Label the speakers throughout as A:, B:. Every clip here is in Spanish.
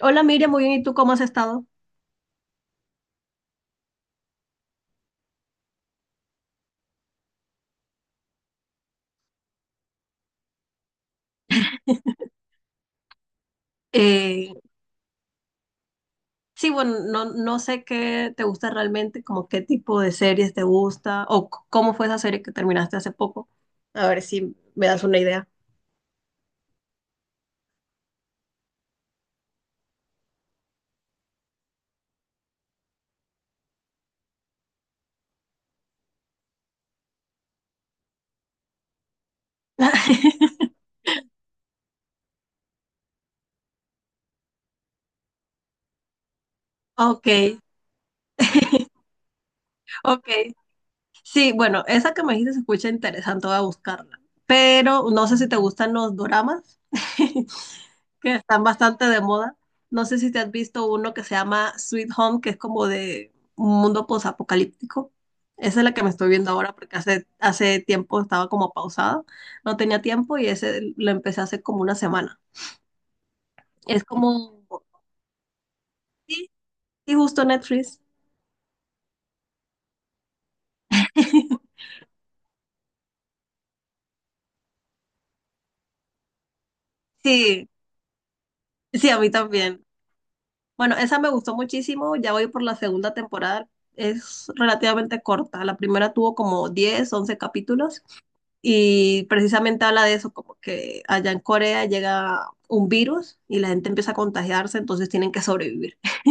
A: Hola Miriam, muy bien. ¿Y tú cómo has estado? Eh, sí, bueno, no, no sé qué te gusta realmente, como qué tipo de series te gusta o cómo fue esa serie que terminaste hace poco. A ver si me das una idea. Ok, ok. Sí, bueno, esa que me dijiste se escucha interesante, voy a buscarla. Pero no sé si te gustan los doramas. Están bastante de moda. No sé si te has visto uno que se llama Sweet Home, que es como de un mundo posapocalíptico. Esa es la que me estoy viendo ahora porque hace tiempo estaba como pausada, no tenía tiempo y ese lo empecé hace como una semana. Es como, sí, sí, justo Netflix. Sí, sí, a mí también. Bueno, esa me gustó muchísimo, ya voy por la segunda temporada, es relativamente corta, la primera tuvo como 10 11 capítulos. Y precisamente habla de eso, como que allá en Corea llega un virus y la gente empieza a contagiarse, entonces tienen que sobrevivir.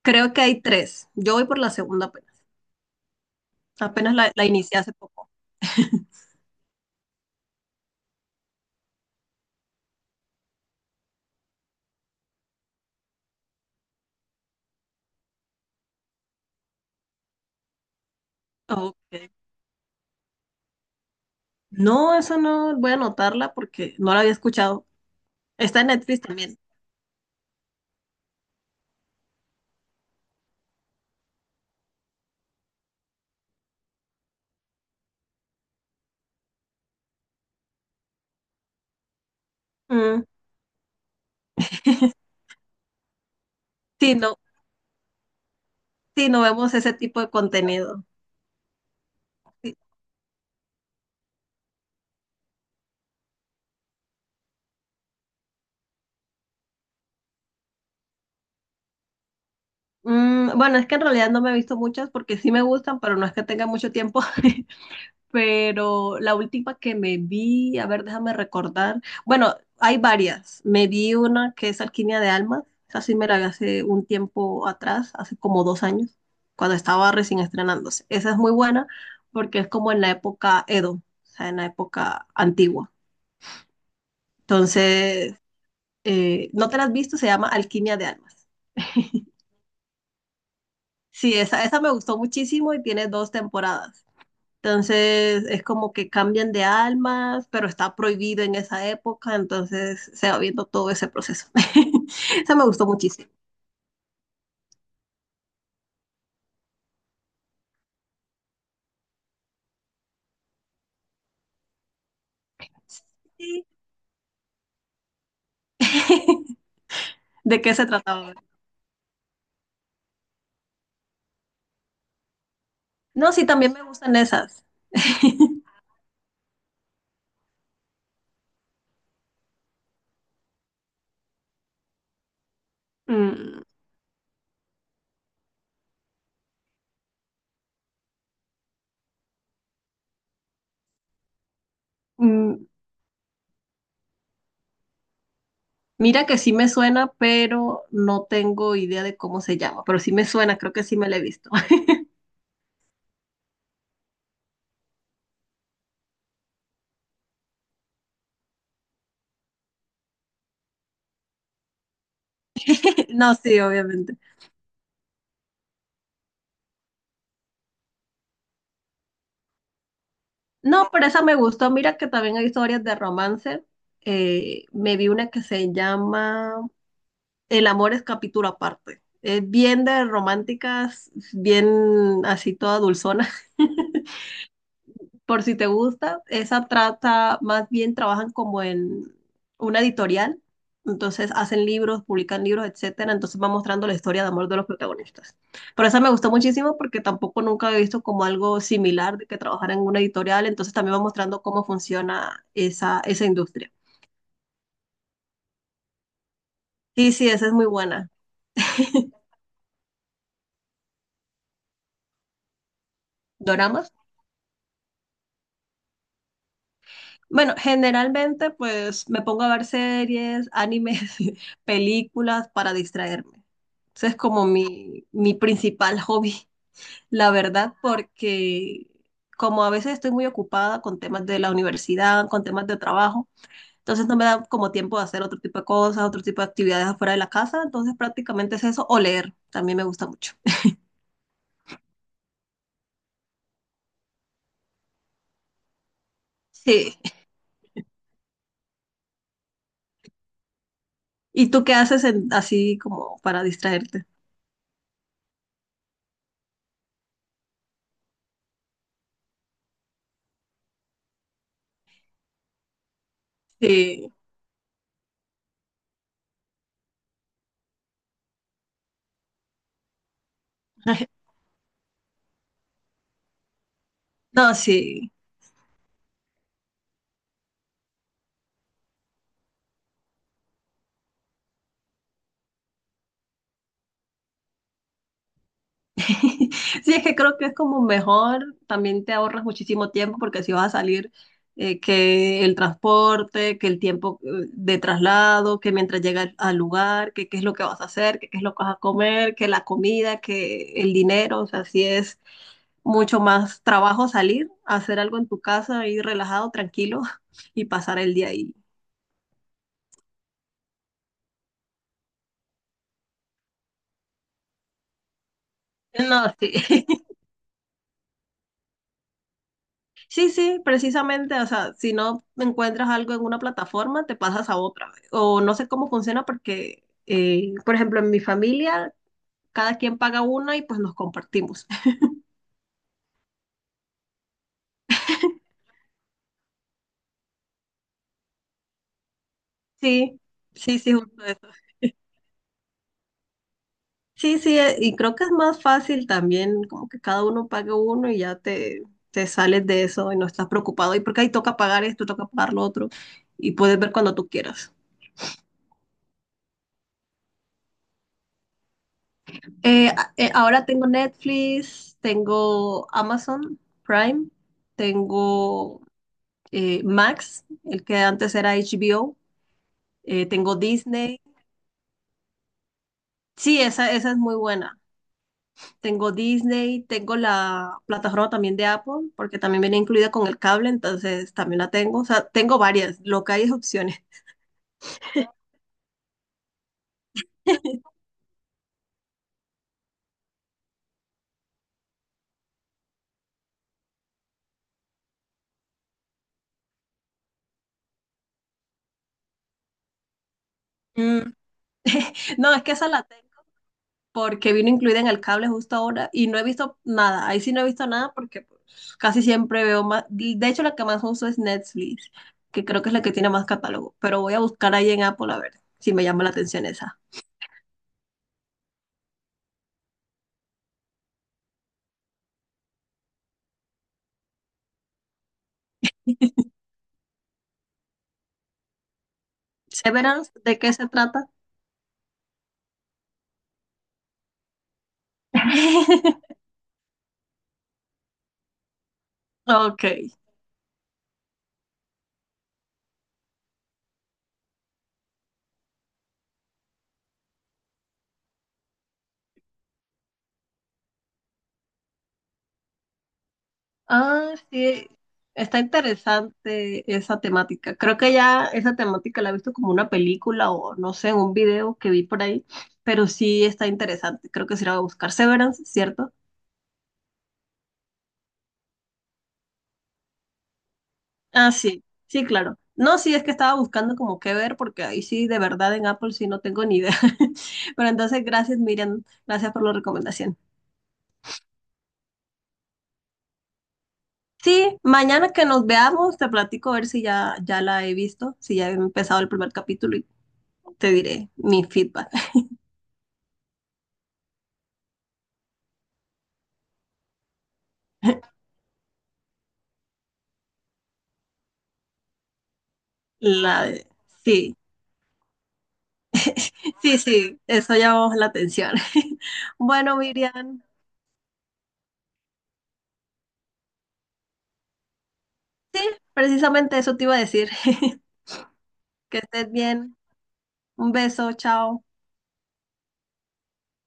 A: Creo que hay tres. Yo voy por la segunda apenas. Apenas la inicié hace poco. Ok. No, esa no, voy a anotarla porque no la había escuchado. Está en Netflix también. Mm. Sí, no, sí, no vemos ese tipo de contenido. Sí. Mm, bueno, es que en realidad no me he visto muchas porque sí me gustan, pero no es que tenga mucho tiempo. Pero la última que me vi, a ver, déjame recordar. Bueno, hay varias. Me vi una que es Alquimia de Almas. Esa sí me la vi hace un tiempo atrás, hace como 2 años, cuando estaba recién estrenándose. Esa es muy buena porque es como en la época Edo, o sea, en la época antigua. Entonces, ¿no te la has visto? Se llama Alquimia de Almas. Sí, esa me gustó muchísimo y tiene 2 temporadas. Entonces es como que cambian de almas, pero está prohibido en esa época, entonces se va viendo todo ese proceso. Eso me gustó muchísimo. Sí. ¿De qué se trataba? No, sí, también me gustan esas. Mm, mm, mira que sí me suena, pero no tengo idea de cómo se llama, pero sí me suena, creo que sí me la he visto. No, sí, obviamente. No, pero esa me gustó. Mira que también hay historias de romance. Me vi una que se llama El amor es capítulo aparte. Es bien de románticas, bien así toda dulzona. Por si te gusta, esa trata, más bien trabajan como en una editorial. Entonces hacen libros, publican libros, etcétera. Entonces va mostrando la historia de amor de los protagonistas. Pero esa me gustó muchísimo porque tampoco nunca había visto como algo similar de que trabajara en una editorial. Entonces también va mostrando cómo funciona esa industria. Y sí, esa es muy buena. ¿Doramas? Bueno, generalmente pues me pongo a ver series, animes, películas para distraerme. Ese es como mi principal hobby, la verdad, porque como a veces estoy muy ocupada con temas de la universidad, con temas de trabajo, entonces no me da como tiempo de hacer otro tipo de cosas, otro tipo de actividades afuera de la casa, entonces prácticamente es eso, o leer, también me gusta mucho. Sí. ¿Y tú qué haces así como para distraerte? Sí. No, sí. Sí, es que creo que es como mejor, también te ahorras muchísimo tiempo porque si vas a salir, que el transporte, que el tiempo de traslado, que mientras llegas al lugar, que qué es lo que vas a hacer, que qué es lo que vas a comer, que la comida, que el dinero, o sea, sí es mucho más trabajo salir, hacer algo en tu casa, ir relajado, tranquilo y pasar el día ahí. No, sí. Sí, sí, precisamente, o sea, si no encuentras algo en una plataforma, te pasas a otra. O no sé cómo funciona porque, por ejemplo, en mi familia, cada quien paga una y pues nos compartimos. Sí, sí, sí, justo eso. Sí, sí, y creo que es más fácil también, como que cada uno pague uno y ya te sales de eso y no estás preocupado. Y porque ahí toca pagar esto, toca pagar lo otro y puedes ver cuando tú quieras. Ahora tengo Netflix, tengo Amazon Prime, tengo Max, el que antes era HBO, tengo Disney. Sí, esa es muy buena. Tengo Disney, tengo la plataforma también de Apple, porque también viene incluida con el cable, entonces también la tengo. O sea, tengo varias, lo que hay es opciones. Mm. No, es que esa la tengo porque vino incluida en el cable justo ahora y no he visto nada. Ahí sí no he visto nada porque pues, casi siempre veo más. De hecho, la que más uso es Netflix, que creo que es la que tiene más catálogo, pero voy a buscar ahí en Apple a ver si me llama la atención esa. Severance, ¿de qué se trata? Ok. Ah, sí. Está interesante esa temática. Creo que ya esa temática la he visto como una película o no sé, un video que vi por ahí, pero sí está interesante. Creo que sí la voy a buscar. Severance, ¿cierto? Ah, sí, sí, claro. No, sí, es que estaba buscando como qué ver, porque ahí sí, de verdad, en Apple sí no tengo ni idea. Pero entonces, gracias, Miriam, gracias por la recomendación. Sí, mañana que nos veamos, te platico a ver si ya, ya la he visto, si ya he empezado el primer capítulo y te diré mi feedback. La Sí, sí, sí, eso llamó la atención. Bueno, Miriam, precisamente eso te iba a decir. Que estés bien. Un beso, chao.